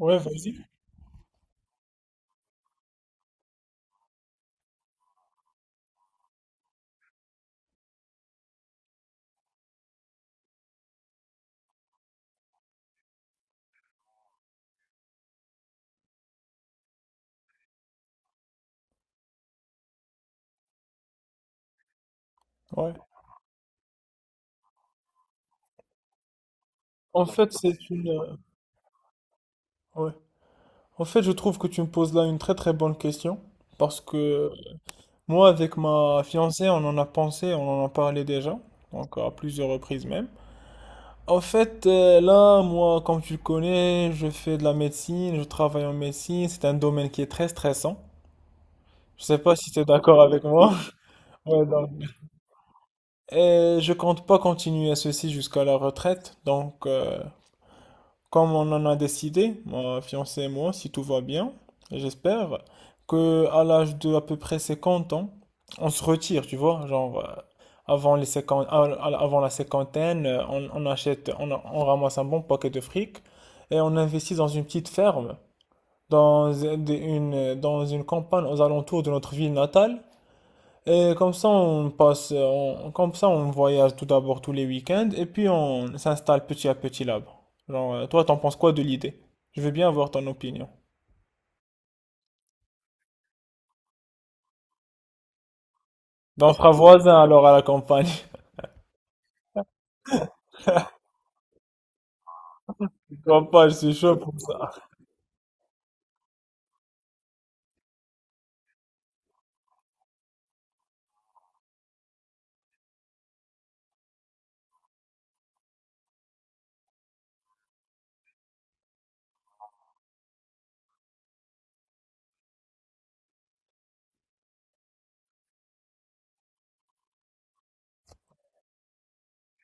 Ouais, vas-y. Ouais. En fait, c'est une. Ouais. En fait, je trouve que tu me poses là une très très bonne question parce que moi, avec ma fiancée, on en a pensé, on en a parlé déjà, donc à plusieurs reprises même. En fait, là, moi, comme tu le connais, je fais de la médecine, je travaille en médecine, c'est un domaine qui est très stressant. Je sais pas si tu es d'accord avec moi. Ouais, donc, et je compte pas continuer ceci jusqu'à la retraite, donc comme on en a décidé, ma fiancée et moi, si tout va bien, j'espère que à l'âge de à peu près 50 ans, on se retire, tu vois, genre, avant les 50 avant la cinquantaine, on achète, on ramasse un bon paquet de fric et on investit dans une petite ferme, dans une campagne aux alentours de notre ville natale et comme ça, comme ça, on voyage tout d'abord tous les week-ends et puis on s'installe petit à petit là-bas. Genre, toi, t'en penses quoi de l'idée? Je veux bien avoir ton opinion. Ben, on sera voisins alors à la campagne. Campagne, c'est chaud pour ça.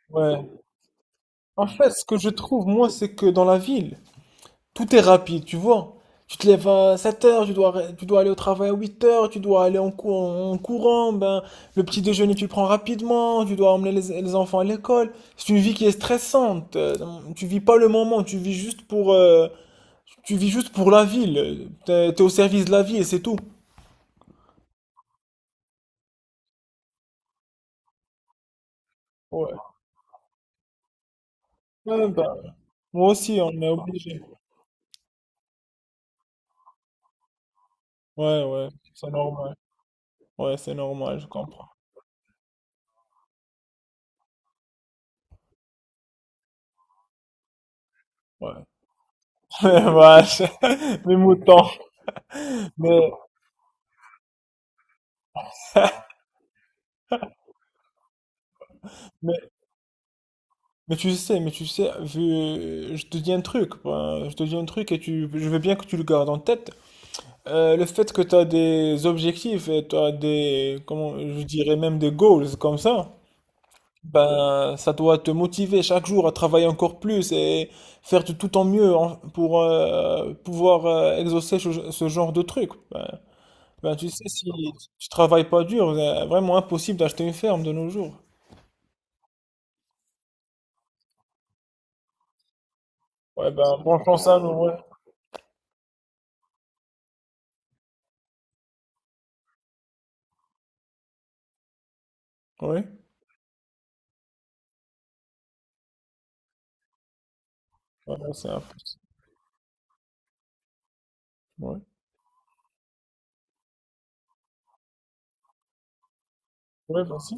Ouais. En fait, ce que je trouve, moi, c'est que dans la ville, tout est rapide, tu vois. Tu te lèves à 7 heures, tu dois aller au travail à 8 heures, tu dois aller en courant, ben, le petit déjeuner tu le prends rapidement, tu dois emmener les enfants à l'école. C'est une vie qui est stressante. Tu vis pas le moment, tu vis juste pour la ville. T'es au service de la vie et c'est tout. Ouais. Ouais, ben, moi aussi, on est obligé. Ouais, ouais, c'est normal. Ouais, c'est normal, je comprends. Ouais. Vache, mes moutons. Mais, mais. Mais tu sais, je te dis un truc, ben, je te dis un truc et je veux bien que tu le gardes en tête. Le fait que tu as des objectifs et tu as des, comment, je dirais même des goals comme ça, ben, ça doit te motiver chaque jour à travailler encore plus et faire de tout ton mieux pour pouvoir exaucer ce genre de truc. Ben, ben, tu sais, si tu travailles pas dur, c'est vraiment impossible d'acheter une ferme de nos jours. Ouais, ben, bon chance à nous, ouais. Oui, ouais, c'est impossible. Ouais. Ouais, vas-y.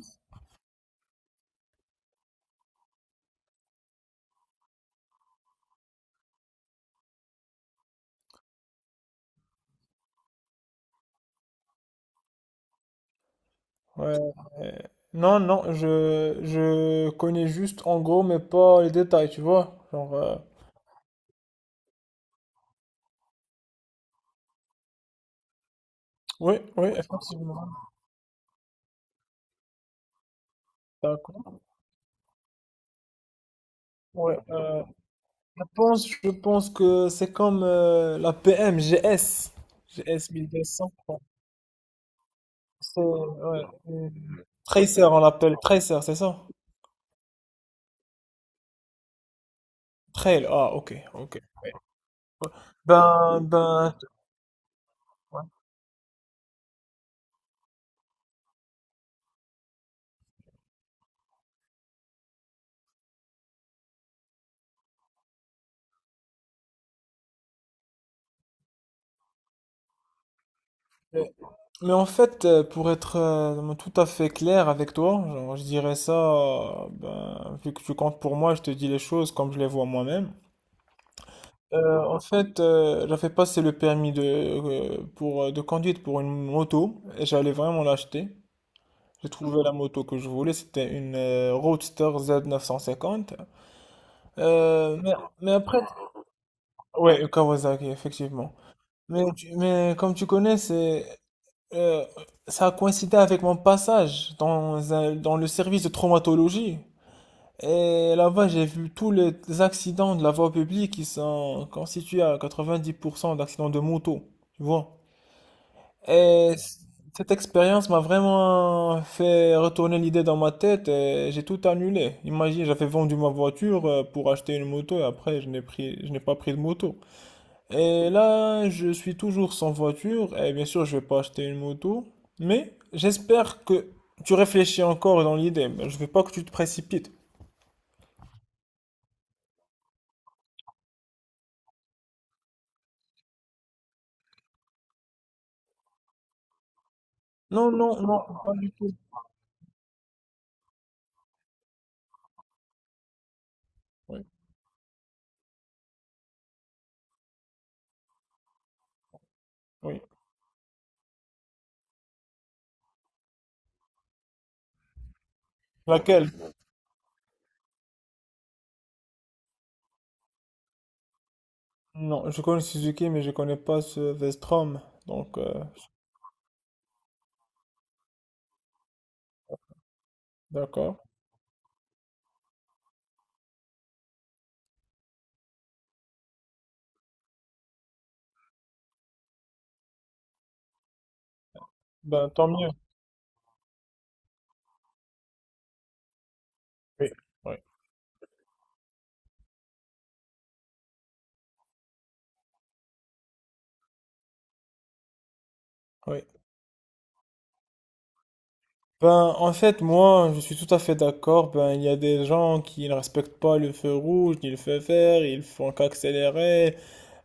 Ouais. euh, Non, non, je connais juste en gros, mais pas les détails, tu vois. Genre, oui, oui, effectivement. D'accord. Ouais, je pense que c'est comme la PM GS, GS 1200. Bon, c'est, ouais, euh, Tracer, on l'appelle Tracer, c'est ça? Trail, ah, ok, ok. Ben, ben, ouais. Mais en fait, pour être tout à fait clair avec toi, genre, je dirais ça, ben, vu que tu comptes pour moi, je te dis les choses comme je les vois moi-même. En fait, j'avais passé le permis de, pour, de conduite pour une moto et j'allais vraiment l'acheter. J'ai trouvé la moto que je voulais, c'était une Roadster Z950. Euh, mais, mais après, ouais, Kawasaki, effectivement. Mais comme tu connais, c'est Euh, ça a coïncidé avec mon passage dans le service de traumatologie. Et là-bas, j'ai vu tous les accidents de la voie publique qui sont constitués à 90% d'accidents de moto, tu vois. Et c- cette expérience m'a vraiment fait retourner l'idée dans ma tête et j'ai tout annulé. Imagine, j'avais vendu ma voiture pour acheter une moto et après, je n'ai pas pris de moto. Et là, je suis toujours sans voiture et bien sûr, je vais pas acheter une moto, mais j'espère que tu réfléchis encore dans l'idée. Mais je veux pas que tu te précipites. Non, non, non, pas du tout. Oui, oui. Laquelle? Non, je connais Suzuki, mais je connais pas ce Vestrom. Donc, d'accord. Ben, tant mieux. Oui, oui, oui. Ben, en fait, moi, je suis tout à fait d'accord. Ben, il y a des gens qui ne respectent pas le feu rouge, ni le feu vert, ils font qu'accélérer.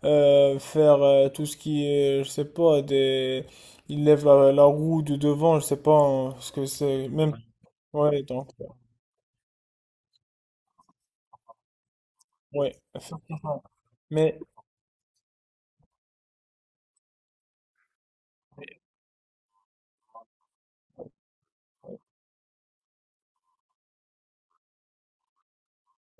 Faire tout ce qui est, je sais pas, des. Il lève la roue du devant, je sais pas hein, ce que c'est, même, ouais, donc, ouais, effectivement. Mais,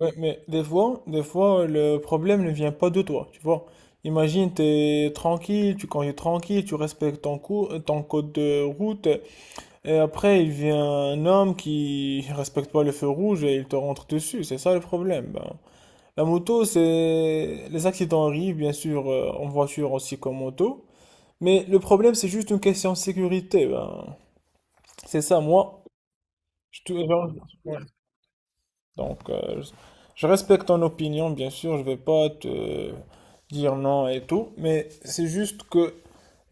ouais, des fois, le problème ne vient pas de toi, tu vois. Imagine, t'es tranquille, tu conduis tranquille, tu respectes ton code de route, et après, il vient un homme qui respecte pas le feu rouge et il te rentre dessus, c'est ça le problème, ben. La moto, les accidents arrivent, bien sûr, en voiture aussi qu'en moto. Mais le problème, c'est juste une question de sécurité. Ben. C'est ça, moi. Je te- Ouais. Donc, je respecte ton opinion, bien sûr. Je vais pas te dire non et tout. Mais c'est juste que.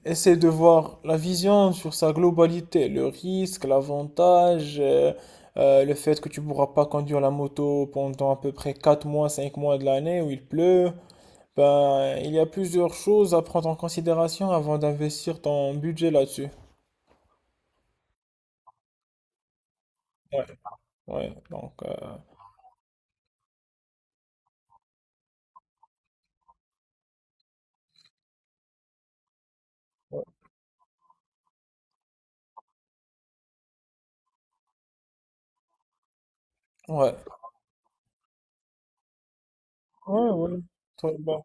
Essaie de voir la vision sur sa globalité. Le risque, l'avantage. Le fait que tu pourras pas conduire la moto pendant à peu près 4 mois, 5 mois de l'année où il pleut, ben, il y a plusieurs choses à prendre en considération avant d'investir ton budget là-dessus. Ouais, ouais, donc, ouais, ouais, ouais, ouais. Très bien.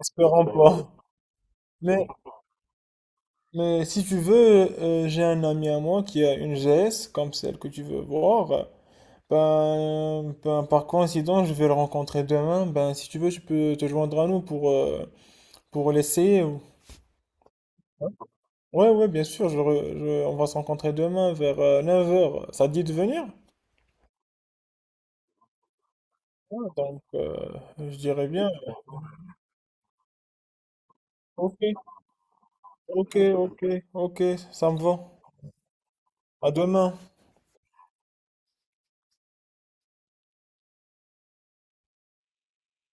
Espérons pas. Mais, mais si tu veux, j'ai un ami à moi qui a une GS comme celle que tu veux voir. Ben, ben, par coïncidence, je vais le rencontrer demain. Ben, si tu veux, tu peux te joindre à nous pour l'essayer. Ouais, ouais, bien sûr, on va se rencontrer demain vers 9 heures. Ça te dit de venir? Ah, donc, je dirais bien. Ok, ok, ok, ok, ça me va. À demain.